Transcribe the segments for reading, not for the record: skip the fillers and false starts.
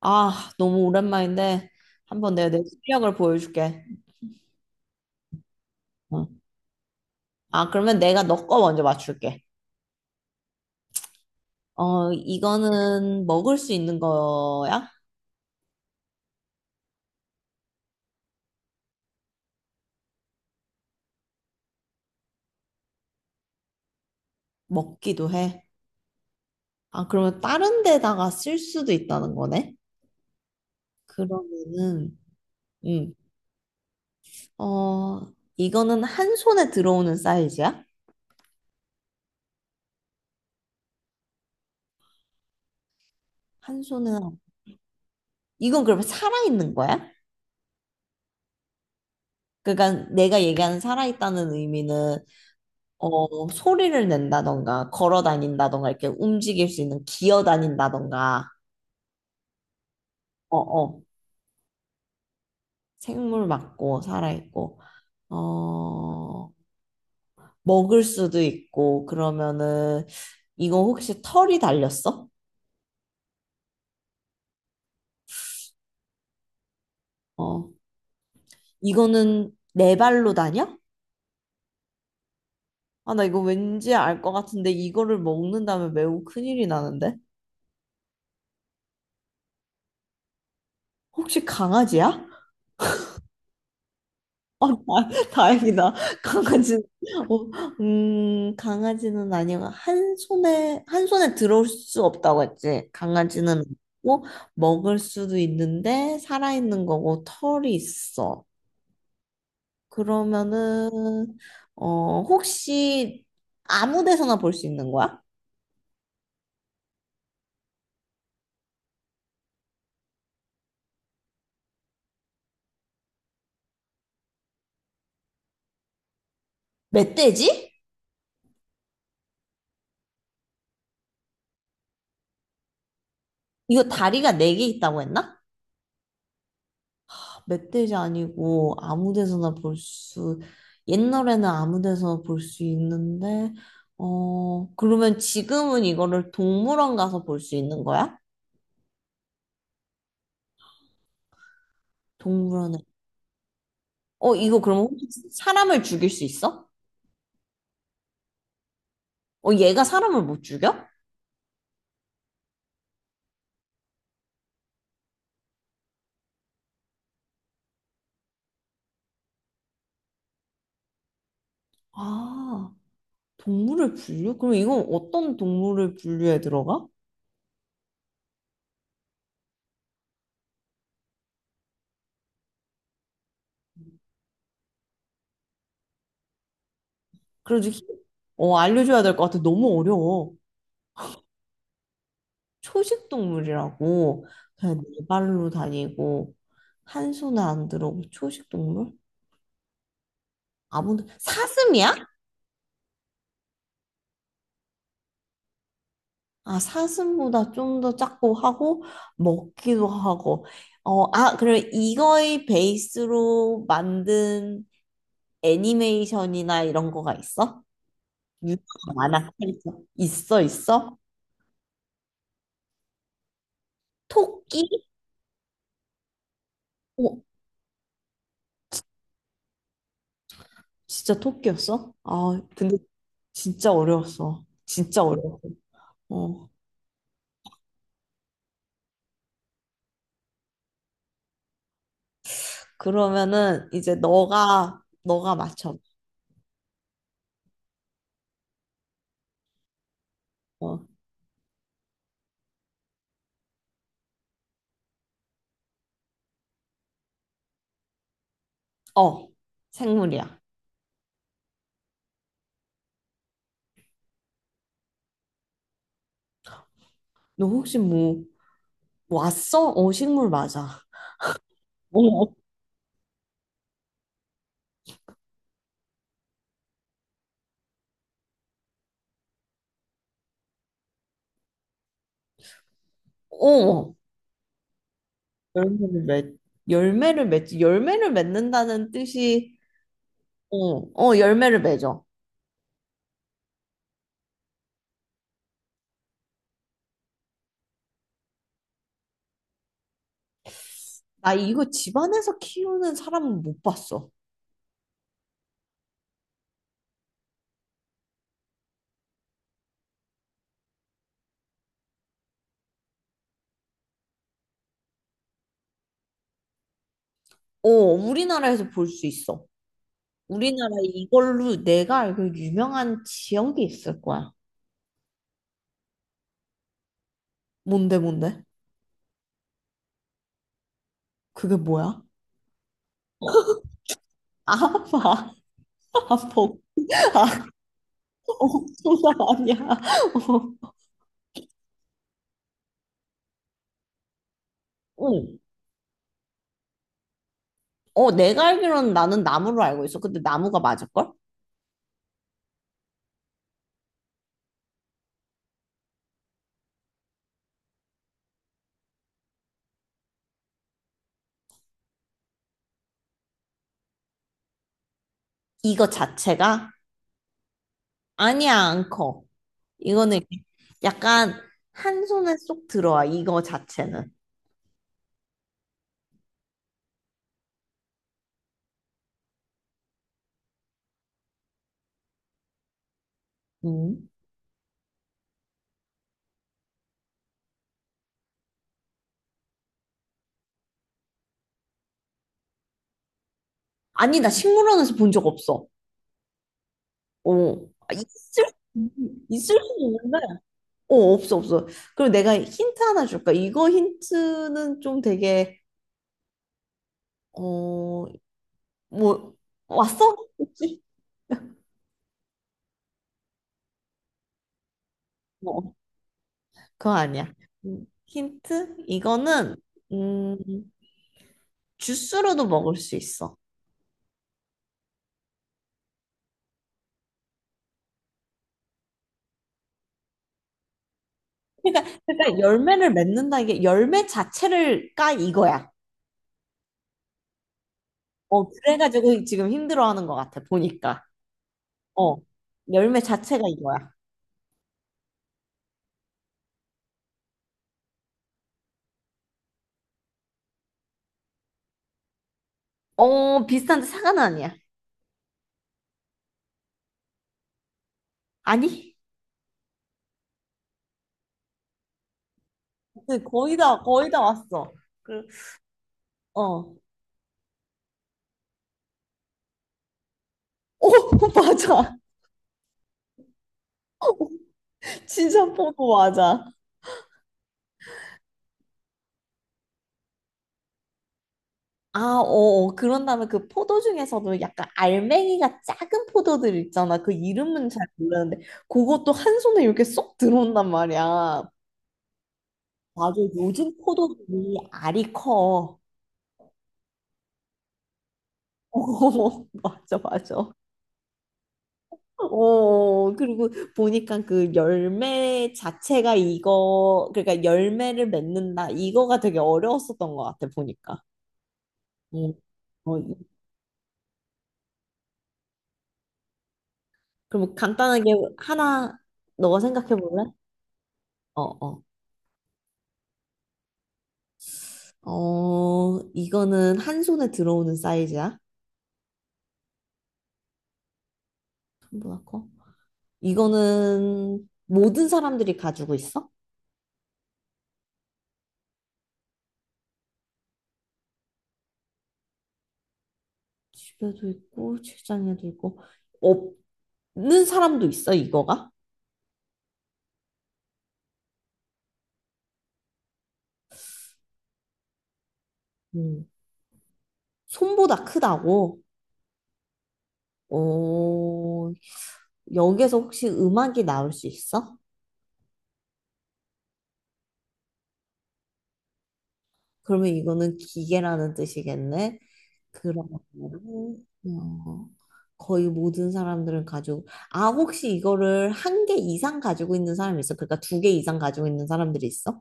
아, 너무 오랜만인데 한번 내가 내 실력을 보여줄게. 어. 아, 그러면 내가 너 거 먼저 맞출게. 어, 이거는 먹을 수 있는 거야? 먹기도 해. 아, 그러면 다른 데다가 쓸 수도 있다는 거네? 그러면은, 음, 어, 이거는 한 손에 들어오는 사이즈야? 한 손에, 이건 그러면 살아있는 거야? 그러니까 내가 얘기하는 살아있다는 의미는 소리를 낸다던가, 걸어 다닌다던가, 이렇게 움직일 수 있는, 기어 다닌다던가, 어, 어, 생물 맞고, 살아있고, 어, 먹을 수도 있고, 그러면은, 이거 혹시 털이 달렸어? 어, 이거는 네 발로 다녀? 아, 나 이거 왠지 알 것 같은데, 이거를 먹는다면 매우 큰일이 나는데? 혹시 강아지야? 어. 다행이다. 강아지는, 어, 강아지는 아니고, 한 손에 들어올 수 없다고 했지. 강아지는 없고, 먹을 수도 있는데, 살아있는 거고, 털이 있어. 그러면은, 혹시 아무 데서나 볼 수 있는 거야? 멧돼지? 이거 다리가 4개 있다고 했나? 멧돼지 아니고 아무 데서나 볼 수, 옛날에는 아무 데서나 볼 수 있는데, 어, 그러면 지금은 이거를 동물원 가서 볼 수 있는 거야? 동물원에. 어, 이거 그러면 혹시 사람을 죽일 수 있어? 어, 얘가 사람을 못 죽여? 아, 동물을 분류? 그럼 이건 어떤 동물을 분류에 들어가? 그래도, 어, 알려줘야 될 것 같아. 너무 어려워. 초식 동물이라고 그냥 네 발로 다니고 한 손에 안 들어오고 초식 동물? 아무도 사슴이야? 아, 사슴보다 좀 더 작고 하고 먹기도 하고. 그럼 이거의 베이스로 만든 애니메이션이나 이런 거가 있어? 유명한 만화 캐릭터 있어? 토끼? 어. 진짜 토끼였어? 아, 근데 진짜 어려웠어, 진짜 어려웠어. 어. 그러면은 이제 너가 맞춰. 어, 어, 생물이야. 너 혹시 뭐 왔어? 어, 식물 맞아. 어, 어, 열매를 맺. 열매를 맺지. 열매를 맺는다는 뜻이 어, 어, 열매를 맺어. 나 이거 집안에서 키우는 사람은 못 봤어. 어, 우리나라에서 볼 수 있어. 우리나라에 이걸로 내가 알고 유명한 지역이 있을 거야. 뭔데, 뭔데? 그게 뭐야? 아파, 아파. 어, 장난 아니야. 어. 응. 어, 내가 알기로는 나는 나무로 알고 있어. 근데 나무가 맞을걸? 이거 자체가? 아니야, 안 커. 이거는 이렇게 약간 한 손에 쏙 들어와, 이거 자체는. 음. 아니, 나 식물원에서 본 적 없어. 어. 아, 있을 수는 있는데. 어, 없어, 없어. 그리고 내가 힌트 하나 줄까? 이거 힌트는 좀 되게, 어, 뭐, 왔어? 혹시? 어. 그거 아니야. 힌트? 이거는 음, 주스로도 먹을 수 있어. 그러니까 열매를 맺는다, 이게 열매 자체를 까 이거야. 어, 그래가지고 지금 힘들어하는 것 같아 보니까. 어, 열매 자체가 이거야. 어, 비슷한데 사과는 아니야. 아니? 네, 거의 다 왔어. 그, 어, 오, 맞아. 진짜 포도 맞아. 아, 어, 어. 그런 다음에 그 포도 중에서도 약간 알맹이가 작은 포도들 있잖아. 그 이름은 잘 모르는데, 그것도 한 손에 이렇게 쏙 들어온단 말이야. 맞아, 요즘 포도들이 알이 커. 어, 맞아, 맞아. 어, 어. 그리고 보니까 그 열매 자체가 이거, 그러니까 열매를 맺는다. 이거가 되게 어려웠었던 것 같아, 보니까. 응. 어, 그럼 간단하게 하나, 너가 생각해 볼래? 어, 어. 어, 이거는 한 손에 들어오는 사이즈야? 손보다 커? 이거는 모든 사람들이 가지고 있어? 집에도 있고, 직장에도 있고, 없는 사람도 있어, 이거가? 음, 손보다 크다고? 어, 여기에서 혹시 음악이 나올 수 있어? 그러면 이거는 기계라는 뜻이겠네. 그러면 어, 거의 모든 사람들은 가지고 아, 혹시 이거를 1개 이상 가지고 있는 사람이 있어? 그러니까 2개 이상 가지고 있는 사람들이 있어?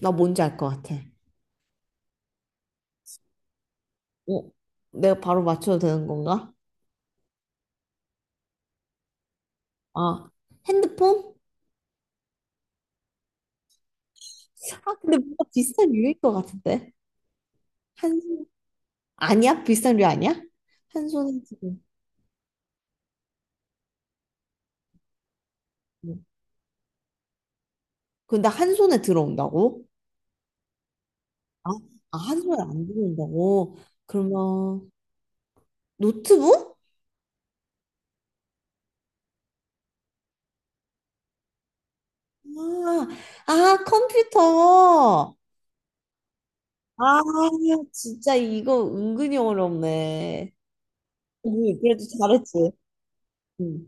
나 뭔지 알 것 같아. 어, 내가 바로 맞춰도 되는 건가? 아, 핸드폰? 아, 근데 뭔가 비슷한 류일 것 같은데. 한 손, 아니야? 비슷한 류 아니야? 한 손에 지금. 근데 한 손에 들어온다고? 아, 아, 한 손에 안 들어온다고? 그러면 노트북? 아, 아, 컴퓨터. 아, 진짜 이거 은근히 어렵네. 응, 그래도 잘했지. 응.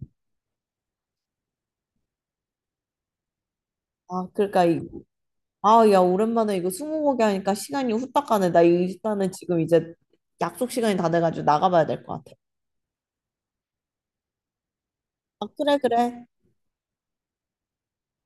아, 아, 야, 오랜만에 이거 스무고개 하니까 시간이 후딱 가네. 나 일단은 지금 이제 약속 시간이 다 돼가지고 나가봐야 될 것 같아. 아, 그래, 그래.